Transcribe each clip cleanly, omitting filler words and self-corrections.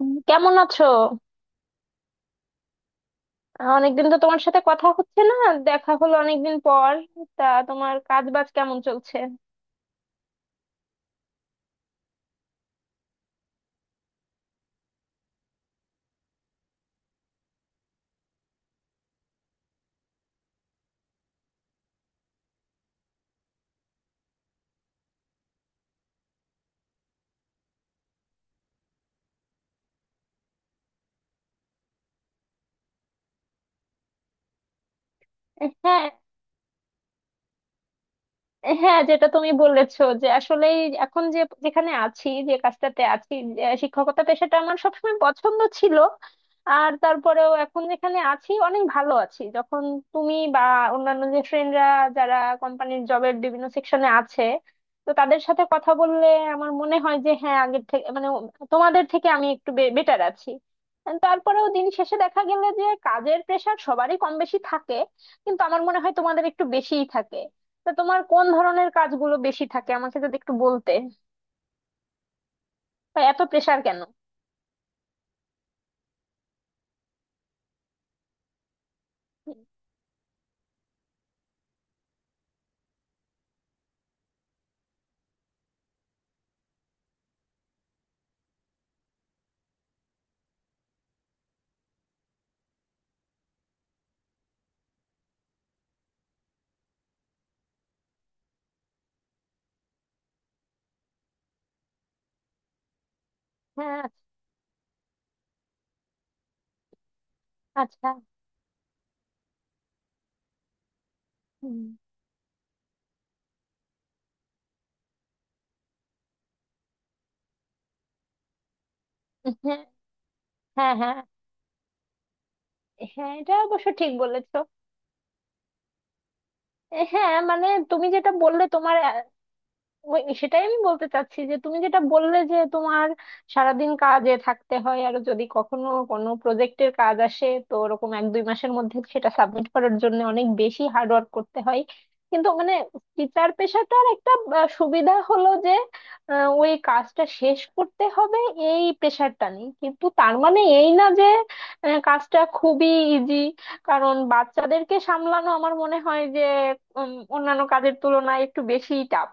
কেমন আছো? অনেকদিন তো তোমার সাথে কথা হচ্ছে না। দেখা হলো অনেকদিন পর। তা তোমার কাজ বাজ কেমন চলছে? হ্যাঁ, হ্যাঁ, যেটা তুমি বলেছো যে আসলে এখন যে যেখানে আছি, যে কাজটাতে আছি, যে শিক্ষকতা পেশাটা আমার সবসময় পছন্দ ছিল। আর তারপরেও এখন যেখানে আছি অনেক ভালো আছি। যখন তুমি বা অন্যান্য যে ফ্রেন্ডরা যারা কোম্পানির জবের বিভিন্ন সেকশনে আছে, তো তাদের সাথে কথা বললে আমার মনে হয় যে হ্যাঁ, আগের থেকে মানে তোমাদের থেকে আমি একটু বেটার আছি। তারপরেও দিন শেষে দেখা গেলে যে কাজের প্রেশার সবারই কম বেশি থাকে, কিন্তু আমার মনে হয় তোমাদের একটু বেশিই থাকে। তা তোমার কোন ধরনের কাজগুলো বেশি থাকে আমাকে যদি একটু বলতে, বা এত প্রেশার কেন? হ্যাঁ। আচ্ছা। হুম, হ্যাঁ, হ্যাঁ, হ্যাঁ, হ্যাঁ এটা অবশ্য ঠিক বলেছো। হ্যাঁ, মানে তুমি যেটা বললে তোমার ওই সেটাই আমি বলতে চাচ্ছি যে তুমি যেটা বললে যে তোমার সারাদিন কাজে থাকতে হয় আর যদি কখনো কোনো প্রজেক্টের কাজ আসে তো ওরকম এক দুই মাসের মধ্যে সেটা সাবমিট করার জন্য অনেক বেশি হার্ড ওয়ার্ক করতে হয়। কিন্তু মানে টিচার পেশাটার একটা সুবিধা হলো যে ওই কাজটা শেষ করতে হবে এই প্রেশারটা নেই। কিন্তু তার মানে এই না যে কাজটা খুবই ইজি। কারণ বাচ্চাদেরকে সামলানো আমার মনে হয় যে অন্যান্য কাজের তুলনায় একটু বেশি টাফ।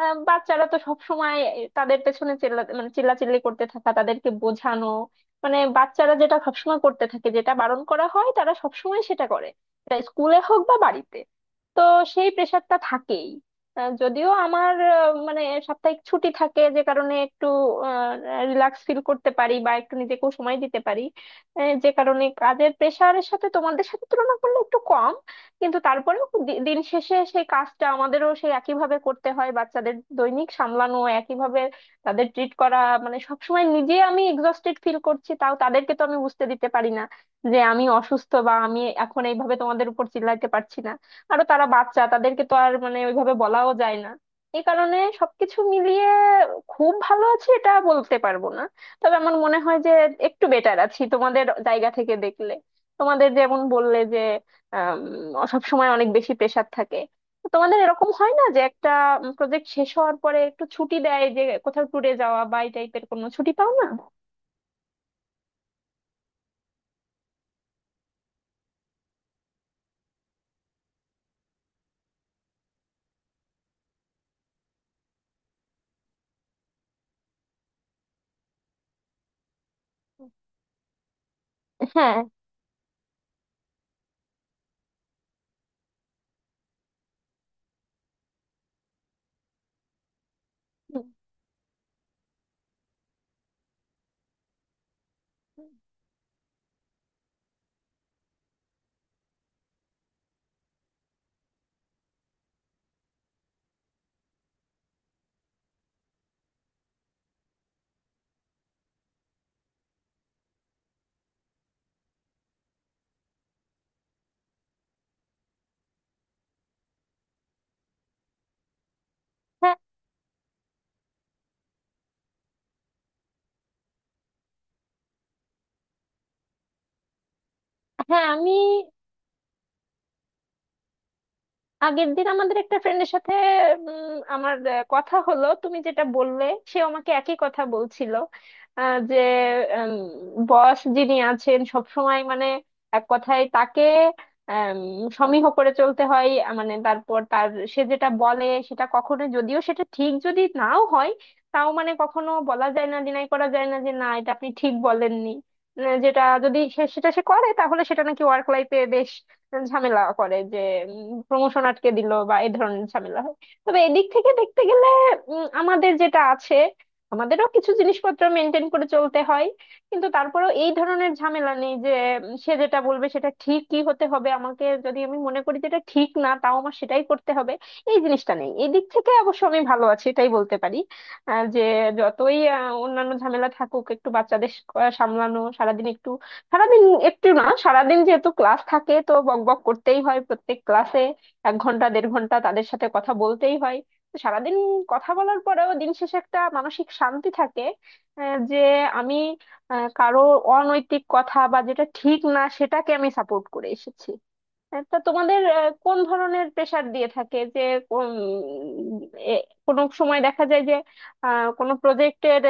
বাচ্চারা তো সব সময় তাদের পেছনে চেল্লা মানে চিল্লাচিল্লি করতে থাকা, তাদেরকে বোঝানো, মানে বাচ্চারা যেটা সবসময় করতে থাকে, যেটা বারণ করা হয়, তারা সবসময় সেটা করে, সেটা স্কুলে হোক বা বাড়িতে। তো সেই প্রেশারটা থাকেই। যদিও আমার মানে সাপ্তাহিক ছুটি থাকে যে কারণে একটু রিল্যাক্স ফিল করতে পারি বা একটু নিজেকেও সময় দিতে পারি। যে কারণে কাজের প্রেশারের সাথে তোমাদের সাথে তুলনা করলে একটু কম। কিন্তু তারপরেও দিন শেষে সেই কাজটা আমাদেরও সেই একইভাবে করতে হয়, বাচ্চাদের দৈনিক সামলানো একইভাবে, তাদের ট্রিট করা, মানে সবসময় নিজে আমি এক্সস্টেড ফিল করছি তাও তাদেরকে তো আমি বুঝতে দিতে পারি না যে আমি অসুস্থ বা আমি এখন এইভাবে তোমাদের উপর চিল্লাইতে পারছি না। আরো তারা বাচ্চা, তাদেরকে তো আর মানে ওইভাবে বলাও যায় না। এই কারণে সবকিছু মিলিয়ে খুব ভালো আছি এটা বলতে পারবো না। তবে আমার মনে হয় যে একটু বেটার আছি তোমাদের জায়গা থেকে দেখলে। তোমাদের যেমন বললে যে সব সময় অনেক বেশি প্রেসার থাকে, তো তোমাদের এরকম হয় না যে একটা প্রজেক্ট শেষ হওয়ার পরে একটু ছুটি দেয় যে কোথাও ট্যুরে যাওয়া বা এই টাইপের কোনো ছুটি পাও না? হ্যাঁ। হুম। হ্যাঁ, হ্যাঁ। আমি আগের দিন আমাদের একটা ফ্রেন্ডের সাথে আমার কথা হলো, তুমি যেটা বললে সে আমাকে একই কথা বলছিল। যে বস যিনি আছেন সব সময় মানে এক কথায় তাকে আম, সমীহ করে চলতে হয়। মানে তারপর তার সে যেটা বলে সেটা কখনো, যদিও সেটা ঠিক যদি নাও হয় তাও মানে কখনো বলা যায় না, ডিনাই করা যায় না যে না এটা আপনি ঠিক বলেননি। যেটা যদি সেটা সে করে তাহলে সেটা নাকি ওয়ার্ক লাইফে বেশ ঝামেলা করে, যে প্রমোশন আটকে দিল বা এই ধরনের ঝামেলা হয়। তবে এদিক থেকে দেখতে গেলে আমাদের যেটা আছে, আমাদেরও কিছু জিনিসপত্র মেনটেন করে চলতে হয়। কিন্তু তারপরেও এই ধরনের ঝামেলা নেই যে সে যেটা বলবে সেটা ঠিকই হতে হবে আমাকে, যদি আমি মনে করি যেটা ঠিক না তাও আমার সেটাই করতে হবে, এই জিনিসটা নেই। এই দিক থেকে অবশ্য আমি ভালো আছি এটাই বলতে পারি। যে যতই অন্যান্য ঝামেলা থাকুক, একটু বাচ্চাদের সামলানো সারাদিন একটু সারাদিন একটু না সারাদিন যেহেতু ক্লাস থাকে তো বক বক করতেই হয় প্রত্যেক ক্লাসে, এক ঘন্টা দেড় ঘন্টা তাদের সাথে কথা বলতেই হয়। তো সারাদিন কথা বলার পরেও দিন শেষে একটা মানসিক শান্তি থাকে যে আমি কারো অনৈতিক কথা বা যেটা ঠিক না সেটাকে আমি সাপোর্ট করে এসেছি। হ্যাঁ, তা তোমাদের কোন ধরনের প্রেসার দিয়ে থাকে, যে কোন এ, কোনো সময় দেখা যায় যে কোনো প্রজেক্টের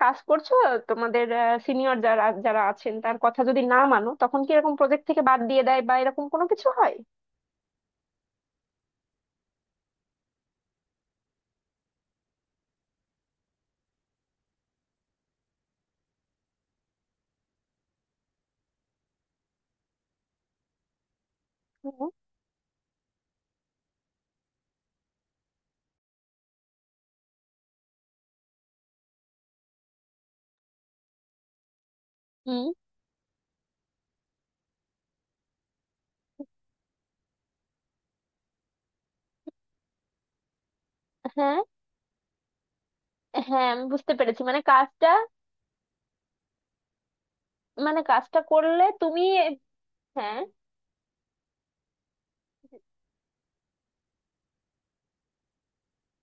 কাজ করছো তোমাদের সিনিয়র যারা যারা আছেন তার কথা যদি না মানো তখন কি এরকম প্রজেক্ট থেকে বাদ দিয়ে দেয় বা এরকম কোনো কিছু হয়? হুম। হুম। হ্যাঁ, হ্যাঁ আমি বুঝতে পেরেছি মানে কাজটা, মানে কাজটা করলে তুমি। হ্যাঁ।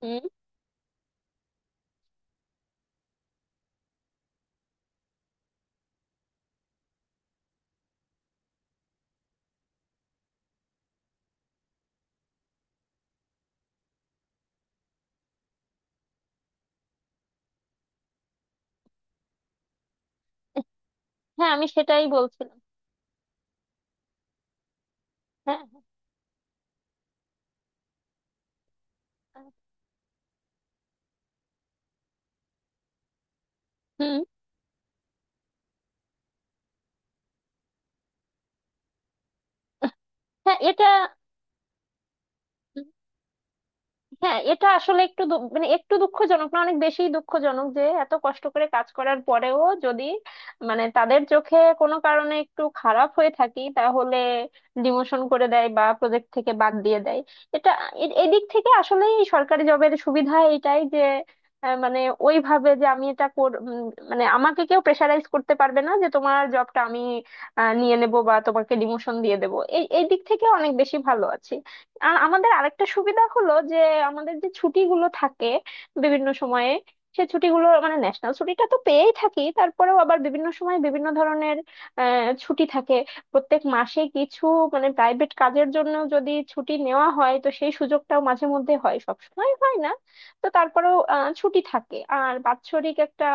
হুম। হ্যাঁ আমি সেটাই বলছিলাম। হ্যাঁ, হ্যাঁ। হুম। হ্যাঁ। এটা। হ্যাঁ এটা আসলে একটু মানে একটু দুঃখজনক না অনেক বেশি দুঃখজনক যে এত কষ্ট করে কাজ করার পরেও যদি মানে তাদের চোখে কোনো কারণে একটু খারাপ হয়ে থাকি তাহলে ডিমোশন করে দেয় বা প্রজেক্ট থেকে বাদ দিয়ে দেয়, এটা এদিক থেকে আসলে সরকারি জবের সুবিধা এটাই যে মানে ওইভাবে যে আমি এটা মানে আমাকে কেউ প্রেশারাইজ করতে পারবে না যে তোমার জবটা আমি নিয়ে নেব বা তোমাকে ডিমোশন দিয়ে দেবো, এই এই দিক থেকে অনেক বেশি ভালো আছি। আর আমাদের আরেকটা সুবিধা হলো যে আমাদের যে ছুটিগুলো থাকে বিভিন্ন সময়ে, সে ছুটিগুলো মানে ন্যাশনাল ছুটিটা তো পেয়েই থাকি তারপরেও আবার বিভিন্ন সময় বিভিন্ন ধরনের ছুটি থাকে প্রত্যেক মাসে কিছু, মানে প্রাইভেট কাজের জন্য যদি ছুটি নেওয়া হয় তো সেই সুযোগটাও মাঝে মধ্যে হয় সব সময় হয় না। তো তারপরেও ছুটি থাকে, আর বাৎসরিক একটা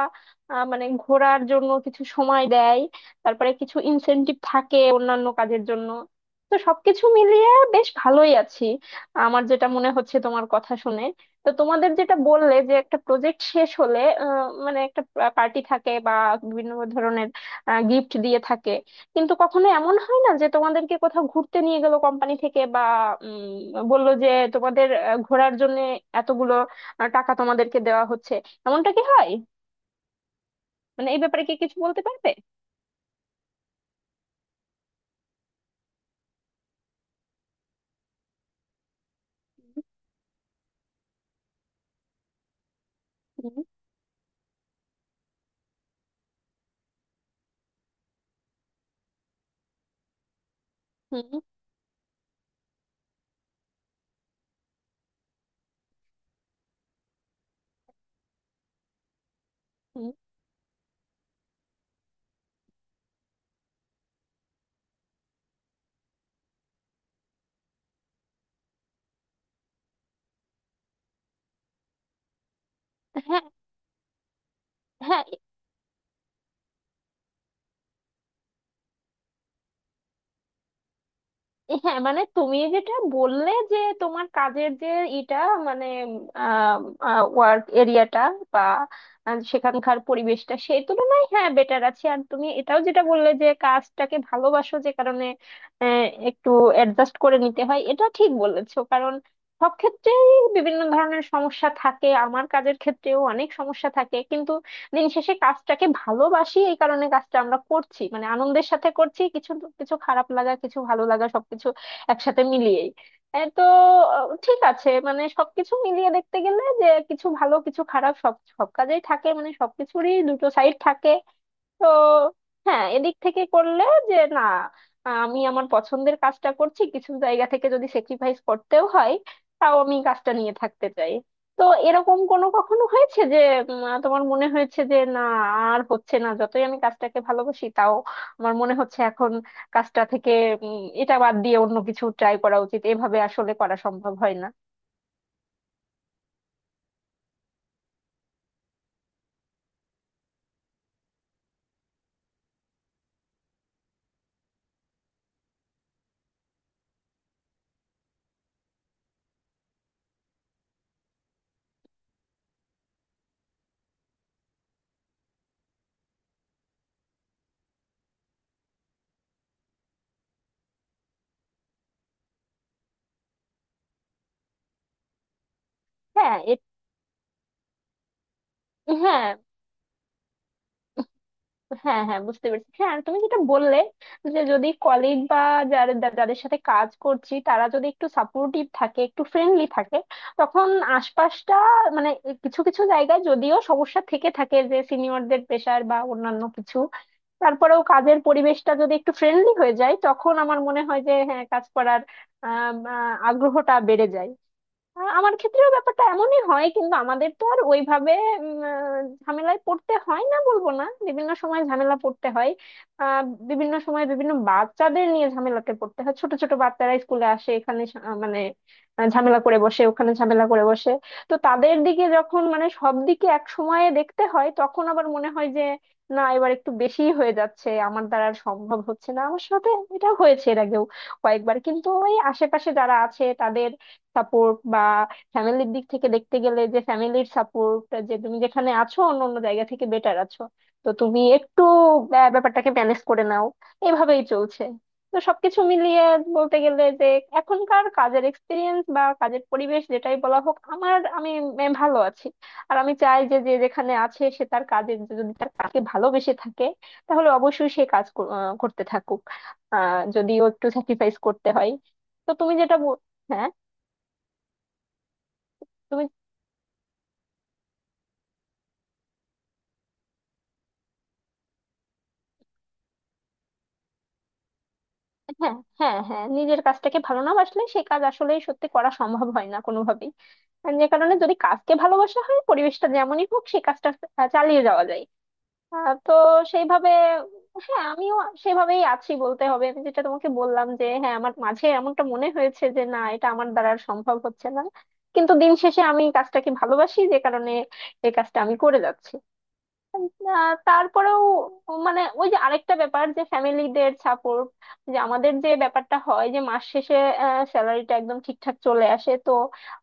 মানে ঘোরার জন্য কিছু সময় দেয়, তারপরে কিছু ইনসেনটিভ থাকে অন্যান্য কাজের জন্য। তো সবকিছু মিলিয়ে আচ্ছা, বেশ ভালোই আছি আমার যেটা মনে হচ্ছে তোমার কথা শুনে। তো তোমাদের যেটা বললে যে একটা প্রজেক্ট শেষ হলে মানে একটা পার্টি থাকে বা বিভিন্ন ধরনের গিফট দিয়ে থাকে, কিন্তু কখনো এমন হয় না যে তোমাদেরকে কোথাও ঘুরতে নিয়ে গেল কোম্পানি থেকে বা বললো যে তোমাদের ঘোরার জন্য এতগুলো টাকা তোমাদেরকে দেওয়া হচ্ছে, এমনটা কি হয়? মানে এই ব্যাপারে কি কিছু বলতে পারবে? হুম। হুম। হুম। হ্যাঁ, হ্যাঁ, হ্যাঁ মানে তুমি যেটা বললে যে তোমার কাজের যে এটা মানে ওয়ার্ক এরিয়াটা বা সেখানকার পরিবেশটা সেই তুলনায় হ্যাঁ বেটার আছে, আর তুমি এটাও যেটা বললে যে কাজটাকে ভালোবাসো যে কারণে আহ, একটু অ্যাডজাস্ট করে নিতে হয়, এটা ঠিক বলেছো কারণ সব ক্ষেত্রেই বিভিন্ন ধরনের সমস্যা থাকে, আমার কাজের ক্ষেত্রেও অনেক সমস্যা থাকে কিন্তু দিন শেষে কাজটাকে ভালোবাসি এই কারণে কাজটা আমরা করছি মানে আনন্দের সাথে করছি। কিছু কিছু খারাপ লাগা, কিছু ভালো লাগা সবকিছু একসাথে মিলিয়েই এ তো ঠিক আছে, মানে সবকিছু মিলিয়ে দেখতে গেলে যে কিছু ভালো কিছু খারাপ সব সব কাজেই থাকে মানে সবকিছুরই দুটো সাইড থাকে। তো হ্যাঁ এদিক থেকে করলে যে না আমি আমার পছন্দের কাজটা করছি, কিছু জায়গা থেকে যদি স্যাক্রিফাইস করতেও হয় তাও আমি কাজটা নিয়ে থাকতে চাই। তো এরকম কোনো কখনো হয়েছে যে তোমার মনে হয়েছে যে না আর হচ্ছে না, যতই আমি কাজটাকে ভালোবাসি তাও আমার মনে হচ্ছে এখন কাজটা থেকে এটা বাদ দিয়ে অন্য কিছু ট্রাই করা উচিত, এভাবে আসলে করা সম্ভব হয় না। হ্যাঁ হ্যাঁ, হ্যাঁ, হ্যাঁ বুঝতে পেরেছি, হ্যাঁ আর তুমি যেটা বললে যে যদি কলিগ বা যারা যাদের সাথে কাজ করছি তারা যদি একটু সাপোর্টিভ থাকে একটু ফ্রেন্ডলি থাকে তখন আশপাশটা মানে কিছু কিছু জায়গায় যদিও সমস্যা থেকে থাকে যে সিনিয়রদের প্রেশার বা অন্যান্য কিছু, তারপরেও কাজের পরিবেশটা যদি একটু ফ্রেন্ডলি হয়ে যায় তখন আমার মনে হয় যে হ্যাঁ কাজ করার আগ্রহটা বেড়ে যায়। আমার ক্ষেত্রেও ব্যাপারটা এমনই হয় কিন্তু আমাদের তো আর ওইভাবে ঝামেলায় পড়তে হয় না বলবো না, বিভিন্ন সময় ঝামেলা পড়তে হয়। আহ বিভিন্ন সময় বিভিন্ন বাচ্চাদের নিয়ে ঝামেলাতে পড়তে হয়, ছোট ছোট বাচ্চারা স্কুলে আসে, এখানে মানে ঝামেলা করে বসে ওখানে ঝামেলা করে বসে। তো তাদের দিকে যখন মানে সব দিকে এক সময়ে দেখতে হয় তখন আবার মনে হয় যে না এবার একটু বেশিই হয়ে যাচ্ছে আমার দ্বারা আর সম্ভব হচ্ছে না আমার সাথে। এটা হয়েছে এর আগেও কয়েকবার, কিন্তু ওই আশেপাশে যারা আছে তাদের সাপোর্ট বা ফ্যামিলির দিক থেকে দেখতে গেলে যে ফ্যামিলির সাপোর্ট যে তুমি যেখানে আছো অন্য অন্য জায়গা থেকে বেটার আছো, তো তুমি একটু ব্যাপারটাকে ম্যানেজ করে নাও, এইভাবেই চলছে। তো সবকিছু মিলিয়ে বলতে গেলে যে এখনকার কাজের এক্সপিরিয়েন্স বা কাজের পরিবেশ যেটাই বলা হোক আমার, আমি ভালো আছি। আর আমি চাই যে যে যেখানে আছে সে তার কাজের যদি তার কাজকে ভালোবেসে থাকে তাহলে অবশ্যই সে কাজ করতে থাকুক, যদিও একটু স্যাক্রিফাইস করতে হয়। তো তুমি যেটা হ্যাঁ তুমি। হ্যাঁ, হ্যাঁ, হ্যাঁ নিজের কাজটাকে ভালো না বাসলে সে কাজ আসলে সত্যি করা সম্ভব হয় না কোনোভাবেই, আর যে কারণে যদি কাজকে ভালোবাসা হয় পরিবেশটা যেমনই হোক সেই কাজটা চালিয়ে যাওয়া যায়। তো সেইভাবে হ্যাঁ আমিও সেভাবেই আছি বলতে হবে। আমি যেটা তোমাকে বললাম যে হ্যাঁ আমার মাঝে এমনটা মনে হয়েছে যে না এটা আমার দ্বারা আর সম্ভব হচ্ছে না কিন্তু দিন শেষে আমি কাজটাকে ভালোবাসি যে কারণে এই কাজটা আমি করে যাচ্ছি। না, তারপরেও মানে ওই যে আরেকটা ব্যাপার যে ফ্যামিলিদের সাপোর্ট যে আমাদের যে ব্যাপারটা হয় যে মাস শেষে স্যালারিটা একদম ঠিকঠাক চলে আসে তো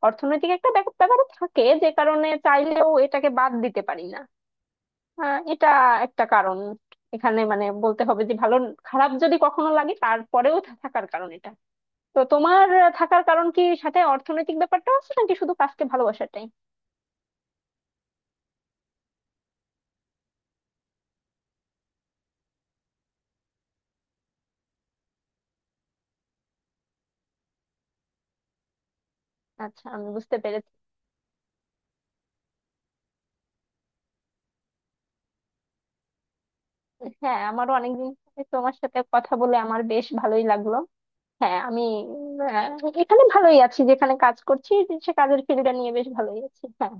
অর্থনৈতিক একটা ব্যাপার ব্যাপার থাকে যে কারণে চাইলেও এটাকে বাদ দিতে পারি না। এটা একটা কারণ এখানে মানে বলতে হবে যে ভালো খারাপ যদি কখনো লাগে তারপরেও থাকার কারণ এটা। তো তোমার থাকার কারণ কি সাথে অর্থনৈতিক ব্যাপারটা আছে নাকি শুধু কাজকে ভালোবাসাটাই? আচ্ছা আমি বুঝতে পেরেছি। হ্যাঁ আমারও অনেকদিন থেকে তোমার সাথে কথা বলে আমার বেশ ভালোই লাগলো। হ্যাঁ আমি আহ, এখানে ভালোই আছি যেখানে কাজ করছি, সে কাজের ফিল্ডটা নিয়ে বেশ ভালোই আছি। হ্যাঁ।